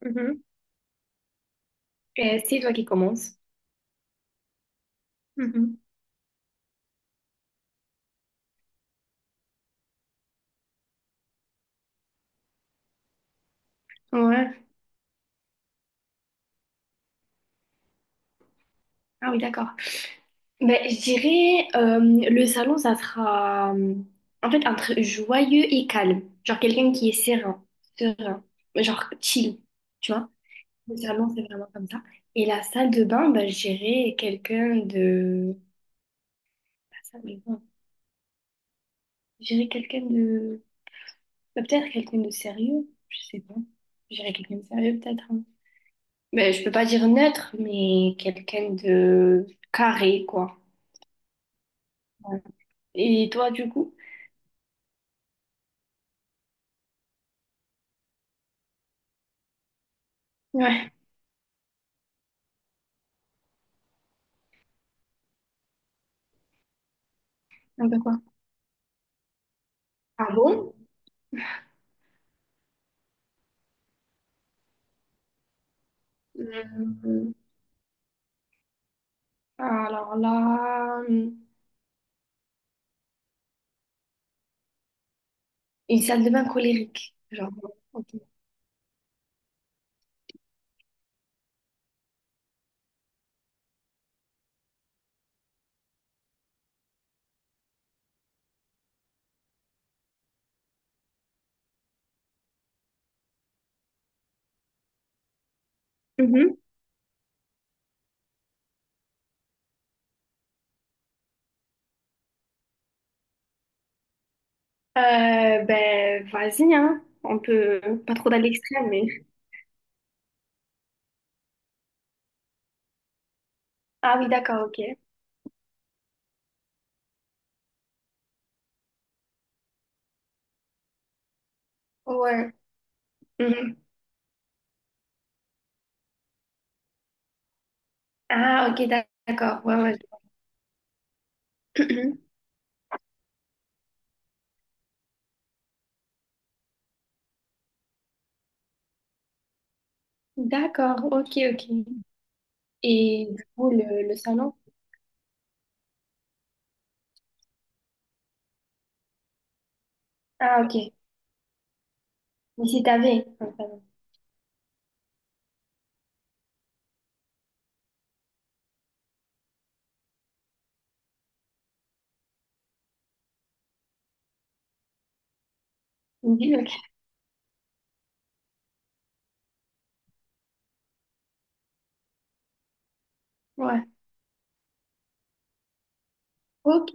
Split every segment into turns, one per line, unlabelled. Mhm. Et c'est toi qui commences. Mhm. Ouais. Ah oui, d'accord. Ben, je dirais, le salon, ça sera en fait entre joyeux et calme. Genre quelqu'un qui est serein, serein, genre chill, tu vois. Le salon, c'est vraiment comme ça. Et la salle de bain, ben, je dirais quelqu'un de... La salle de bain, je dirais quelqu'un de... ben, peut-être quelqu'un de sérieux, je sais pas. Je dirais quelqu'un de sérieux peut-être, hein. Ben, je peux pas dire neutre, mais quelqu'un de carré, quoi. Et toi, du coup? Ouais, un peu quoi. Ah bon? Hum. Alors là, une salle de bain colérique. Genre, ok. Mhm. Ben, vas-y, hein. On peut pas trop dans l'extrême, mais. Ah oui, d'accord, ok. Ouais. Mhm. Ah, ok, d'accord. Ouais, ouais. Je vois. D'accord, ok, ok. Et du coup, le salon? Ah, ok. Mais si t'avais un salon. Oui, ok. Ouais. Ok.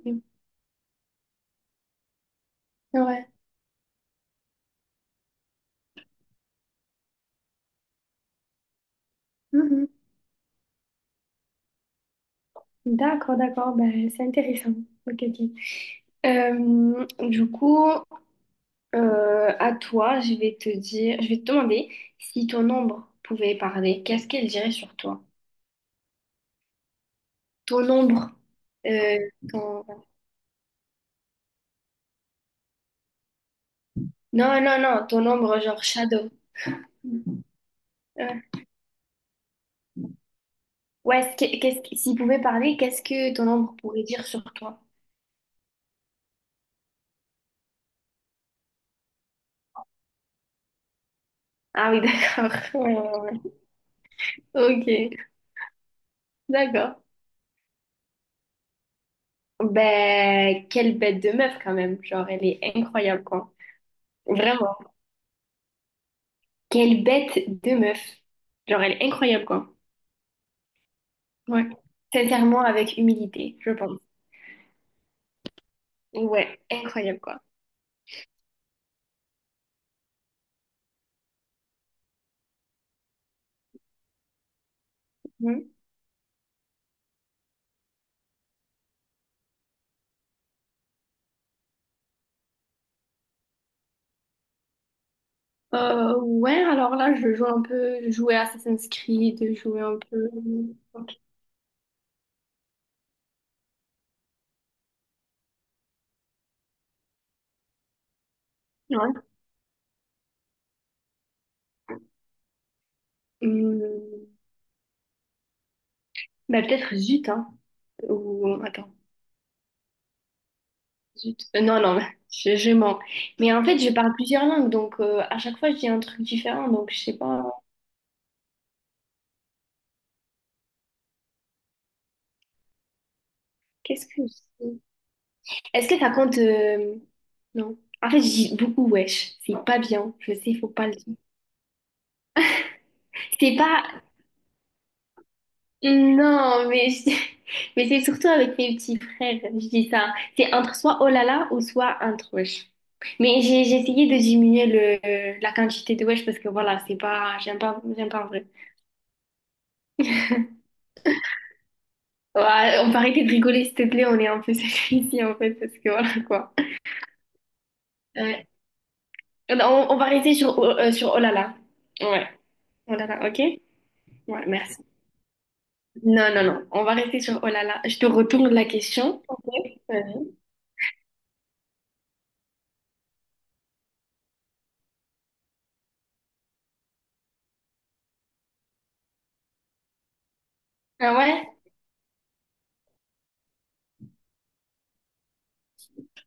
Ouais. Mhm. D'accord, d'accord, ben, c'est intéressant. Ok, ok. Du coup, à toi, je vais te demander si ton ombre pouvait parler, qu'est-ce qu'elle dirait sur toi? Ton ombre, euh, ton... Non, non, non, ton ombre genre shadow. Euh, ouais, ce que- qu'est-ce que- s'il pouvait parler, qu'est-ce que ton ombre pourrait dire sur toi? Ah oui, d'accord. Ouais, ouais, ouais. Ok, d'accord. Ben, quelle bête de meuf quand même, genre elle est incroyable quoi. Vraiment. Quelle bête de meuf. Genre, elle est incroyable, quoi. Ouais. Sincèrement, avec humilité, je pense. Ouais, incroyable, quoi. Mhm. Ouais, alors là, je joue un peu, je jouais Assassin's Creed, je jouais un peu... Ok. Ouais. Hum, bah, peut-être Zut, hein. Ou... Attends, Zut. Non, non, je mens. Mais en fait, je parle plusieurs langues, donc à chaque fois, je dis un truc différent, donc je sais pas... Qu'est-ce que c'est? Est-ce que ça compte non. En fait, je dis beaucoup wesh. C'est pas bien. Je sais, faut pas le dire. C'est pas. Non, mais, mais c'est surtout avec mes petits frères. Je dis ça. C'est entre soit oh là là ou soit entre wesh. Mais j'ai essayé de diminuer la quantité de wesh parce que voilà, c'est pas. J'aime pas, j'aime pas en vrai. Ouais, on va arrêter de rigoler, s'il te plaît. On est un peu sérieux ici en fait parce que voilà quoi. Ouais. On, on va rester sur, sur oh là là. Ouais. Oh là là, ok? Ouais, merci. Non, non, non. On va rester sur Oh là là. Je te retourne la question. Ok. Vas-y. Ah ouais?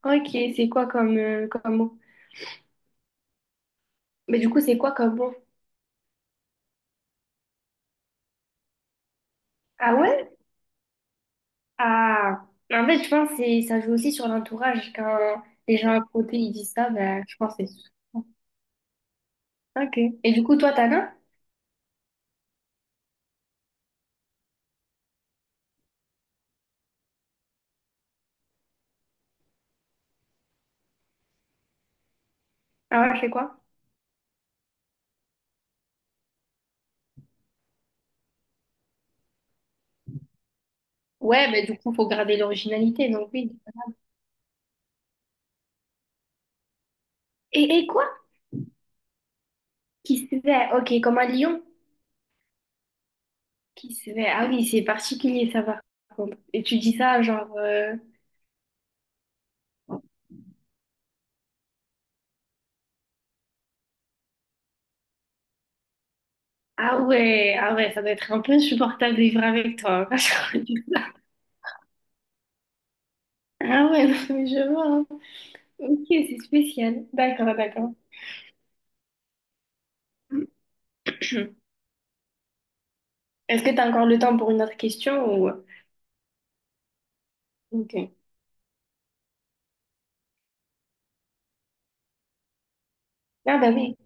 Ok, c'est quoi comme, comme mot? Mais du coup, c'est quoi comme mot? Ah ouais? Ah, en fait, je pense que ça joue aussi sur l'entourage. Quand les gens à côté, ils disent ça, ben, je pense que c'est... Ok. Et du coup, toi, t'en as? Ah ouais, je fais quoi? Ouais, mais du coup, faut garder l'originalité, donc oui. Et quoi? Qui se fait? Ok, comme un lion. Qui se fait? Ah oui, c'est particulier, ça va. Et tu dis ça, genre... ah ouais, ah ouais, ça doit être un peu insupportable de vivre avec toi, hein, je crois. Ah ouais, non, mais je vois, hein. Ok, c'est spécial. D'accord, d'accord. Est-ce que tu as encore le temps pour une autre question ou... Ok. Ah bah oui.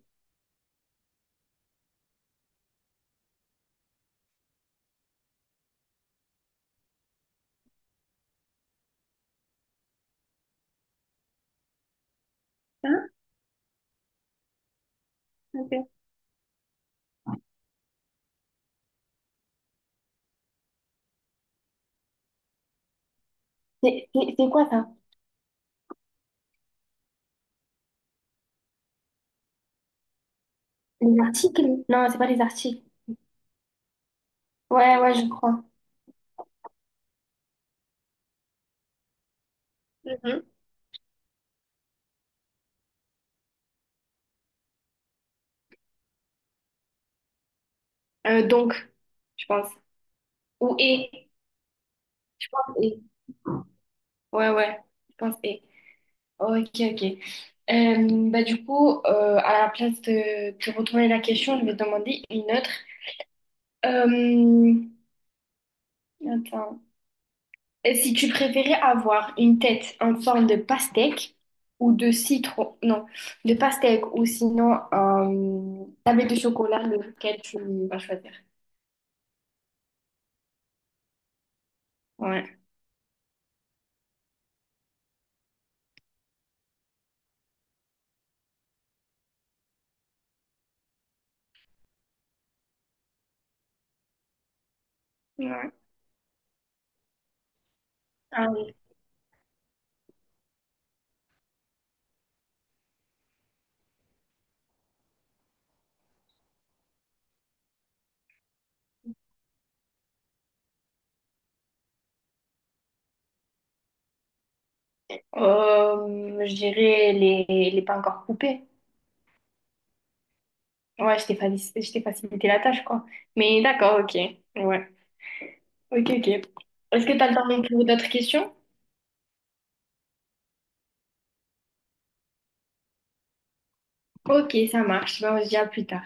Hein. Ok. C'est quoi ça? Les articles? Non, c'est pas les articles. Ouais, ouais, je crois. Mhm. Donc, je pense. Ou et. Et. Ouais, ouais, je pense et. Ok, ok. Bah, du coup, à la place de retourner la question, je vais te demander une autre. Euh, attends. Et si tu préférais avoir une tête en forme de pastèque ou de citron, non, de pastèque ou sinon tablette de chocolat, lequel tu vas choisir? Ouais. Ouais. Ah oui. Je dirais les pas encore coupés. Ouais, je t'ai facilité la tâche, quoi. Mais d'accord, ok. Ouais. Ok, ok. Est-ce que tu as le temps pour d'autres questions? Ok, ça marche. Ben, on se dit à plus tard.